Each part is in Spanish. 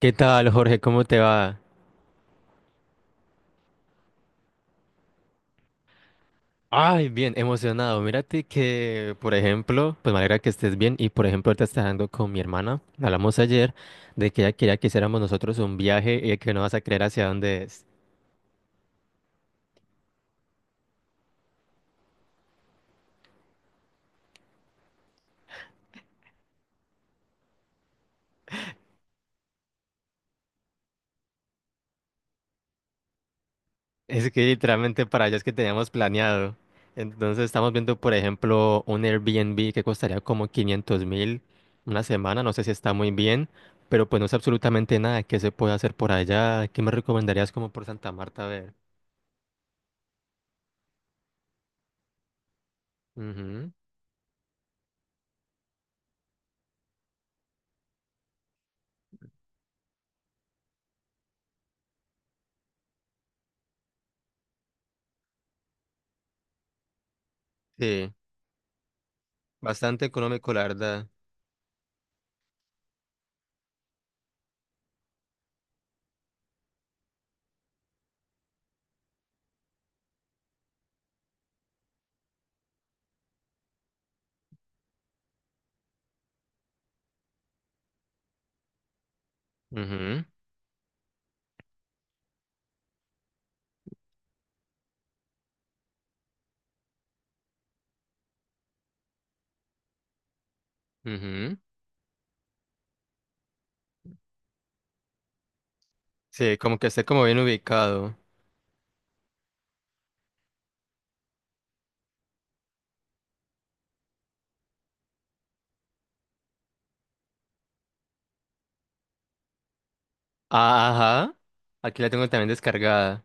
¿Qué tal, Jorge? ¿Cómo te va? Ay, bien, emocionado. Mírate que, por ejemplo, pues me alegra que estés bien. Y por ejemplo, ahorita está hablando con mi hermana. Hablamos ayer de que ella quería que hiciéramos nosotros un viaje y que no vas a creer hacia dónde es. Es que literalmente para allá es que teníamos planeado. Entonces estamos viendo, por ejemplo, un Airbnb que costaría como 500.000 una semana. No sé si está muy bien, pero pues no sé absolutamente nada que se puede hacer por allá. ¿Qué me recomendarías como por Santa Marta? A ver. Ujú. Sí. Bastante económico, la verdad. Ujú, ujú. Sí, como que esté como bien ubicado. Ah, ajá. Aquí la tengo también descargada.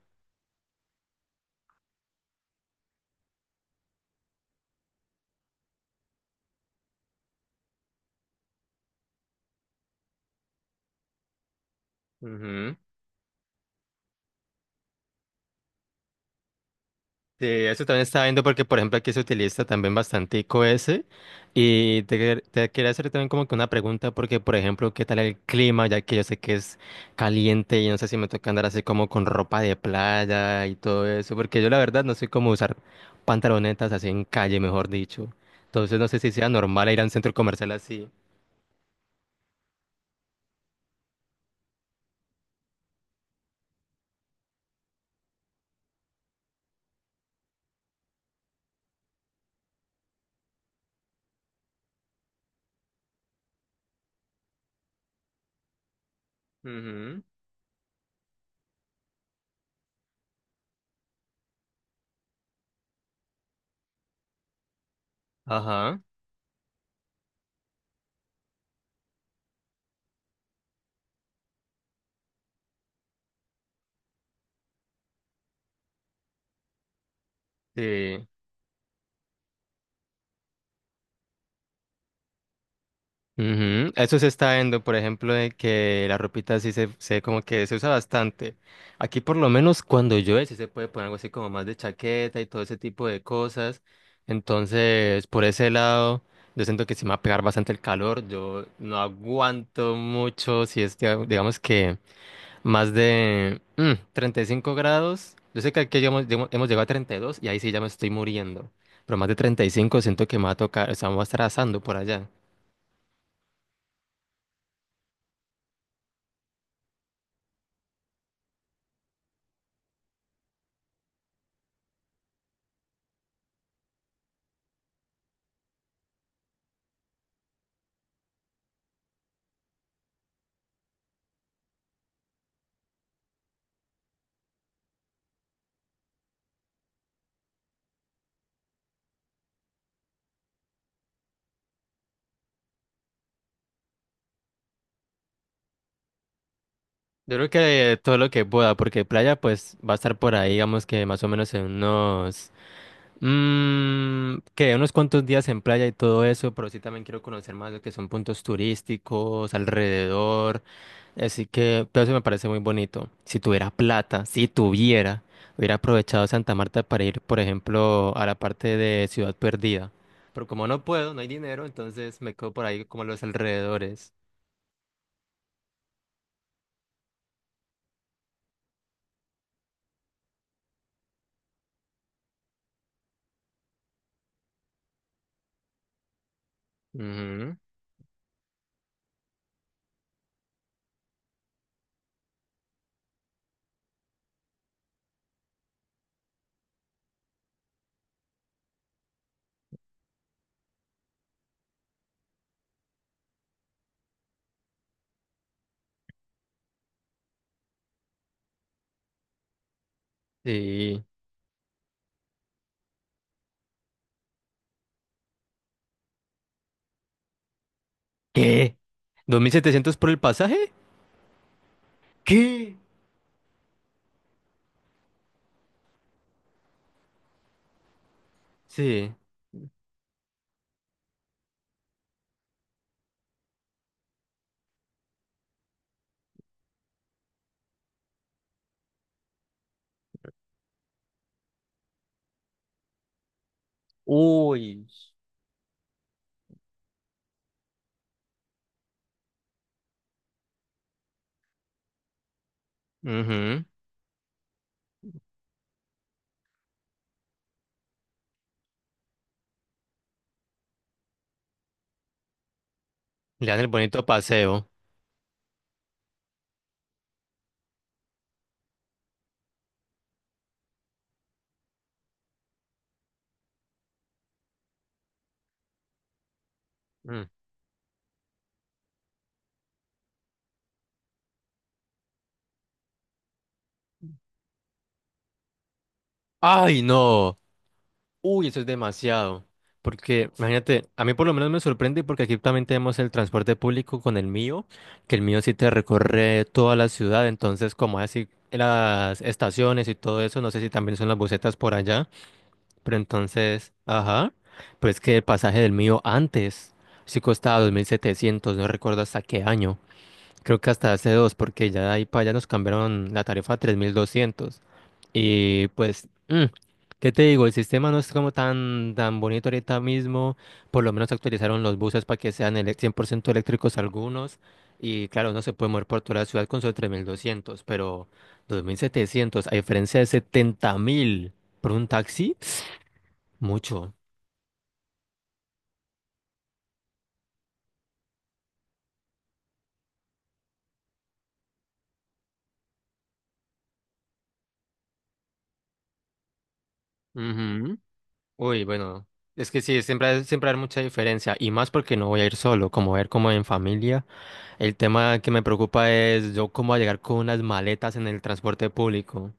Ujú. Sí, eso también estaba viendo porque, por ejemplo, aquí se utiliza también bastante ese y te quería hacer también como que una pregunta porque, por ejemplo, ¿qué tal el clima? Ya que yo sé que es caliente y no sé si me toca andar así como con ropa de playa y todo eso, porque yo la verdad no soy como usar pantalonetas así en calle, mejor dicho. Entonces no sé si sea normal ir a un centro comercial así. Ujú. Ajá. Sí. Ujú. Eso se está viendo, por ejemplo, de que la ropita sí se como que se usa bastante. Aquí por lo menos cuando llueve sí se puede poner algo así como más de chaqueta y todo ese tipo de cosas. Entonces, por ese lado, yo siento que sí me va a pegar bastante el calor. Yo no aguanto mucho si es, que, digamos que más de 35 grados. Yo sé que aquí hemos llegado a 32 y dos y ahí sí ya me estoy muriendo. Pero más de 35 siento que me va a tocar, o sea, me va a estar asando por allá. Yo creo que todo lo que pueda, porque playa pues va a estar por ahí, digamos que más o menos en unos, que unos cuantos días en playa y todo eso, pero sí también quiero conocer más lo que son puntos turísticos alrededor, así que todo eso me parece muy bonito. Si tuviera plata, si tuviera, hubiera aprovechado Santa Marta para ir, por ejemplo, a la parte de Ciudad Perdida, pero como no puedo, no hay dinero, entonces me quedo por ahí como a los alrededores. Ujú. Sí. ¿Qué? ¿Dos mil setecientos por el pasaje? ¿Qué? Sí. Uy. Ujú. Le dan el bonito paseo. Mm. ¡Ay, no! Uy, eso es demasiado. Porque, imagínate, a mí por lo menos me sorprende porque aquí también tenemos el transporte público con el mío, que el mío sí te recorre toda la ciudad, entonces como así las estaciones y todo eso, no sé si también son las busetas por allá. Pero entonces, ajá, pero es que el pasaje del mío antes sí costaba 2.700, no recuerdo hasta qué año. Creo que hasta hace dos, porque ya de ahí para allá nos cambiaron la tarifa a 3.200. Y pues, ¿qué te digo? El sistema no es como tan, tan bonito ahorita mismo. Por lo menos actualizaron los buses para que sean 100% eléctricos algunos. Y claro, no se puede mover por toda la ciudad con solo 3.200, pero 2.700 a diferencia de 70.000 por un taxi. Mucho. Ujú. Uy, bueno, es que sí, siempre, siempre hay mucha diferencia y más porque no voy a ir solo, como ver como en familia. El tema que me preocupa es yo cómo voy a llegar con unas maletas en el transporte público.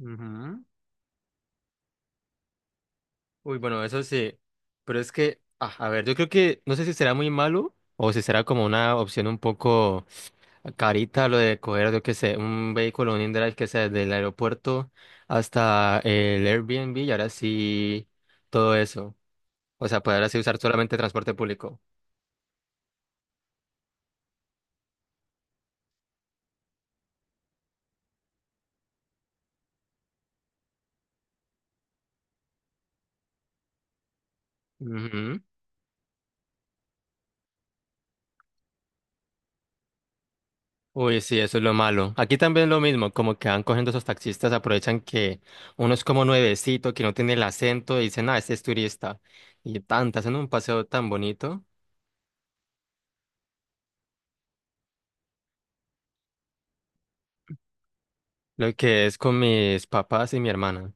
Ujú. Uy, bueno, eso sí, pero es que, ah, a ver, yo creo que no sé si será muy malo o si será como una opción un poco carita lo de coger, yo qué sé, un vehículo, un indrive que sea desde el aeropuerto hasta el Airbnb y ahora sí todo eso. O sea, poder así usar solamente transporte público. Ujú. Uy, sí, eso es lo malo. Aquí también lo mismo, como que van cogiendo esos taxistas, aprovechan que uno es como nuevecito, que no tiene el acento, y dicen, ah, este es turista. Y tanta hacen un paseo tan bonito, lo que es con mis papás y mi hermana.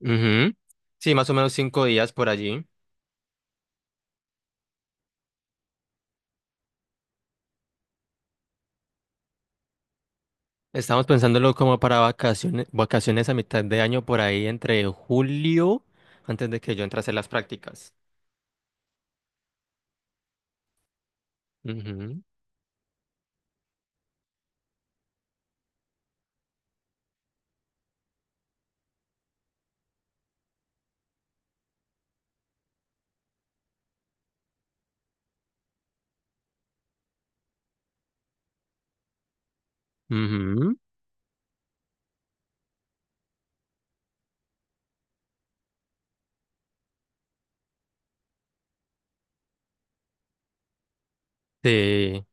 Ujú. Sí, más o menos 5 días por allí. Estamos pensándolo como para vacaciones, vacaciones a mitad de año, por ahí entre julio, antes de que yo entrase a hacer las prácticas. Ujú. Ujú. Sí.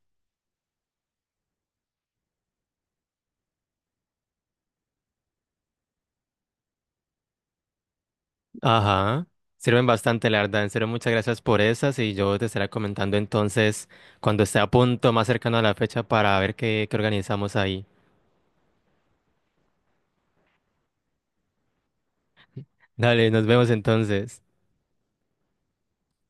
Ajá, sirven bastante, la verdad. En serio, muchas gracias por esas y yo te estaré comentando entonces cuando esté a punto, más cercano a la fecha, para ver qué, qué organizamos ahí. Dale, nos vemos entonces.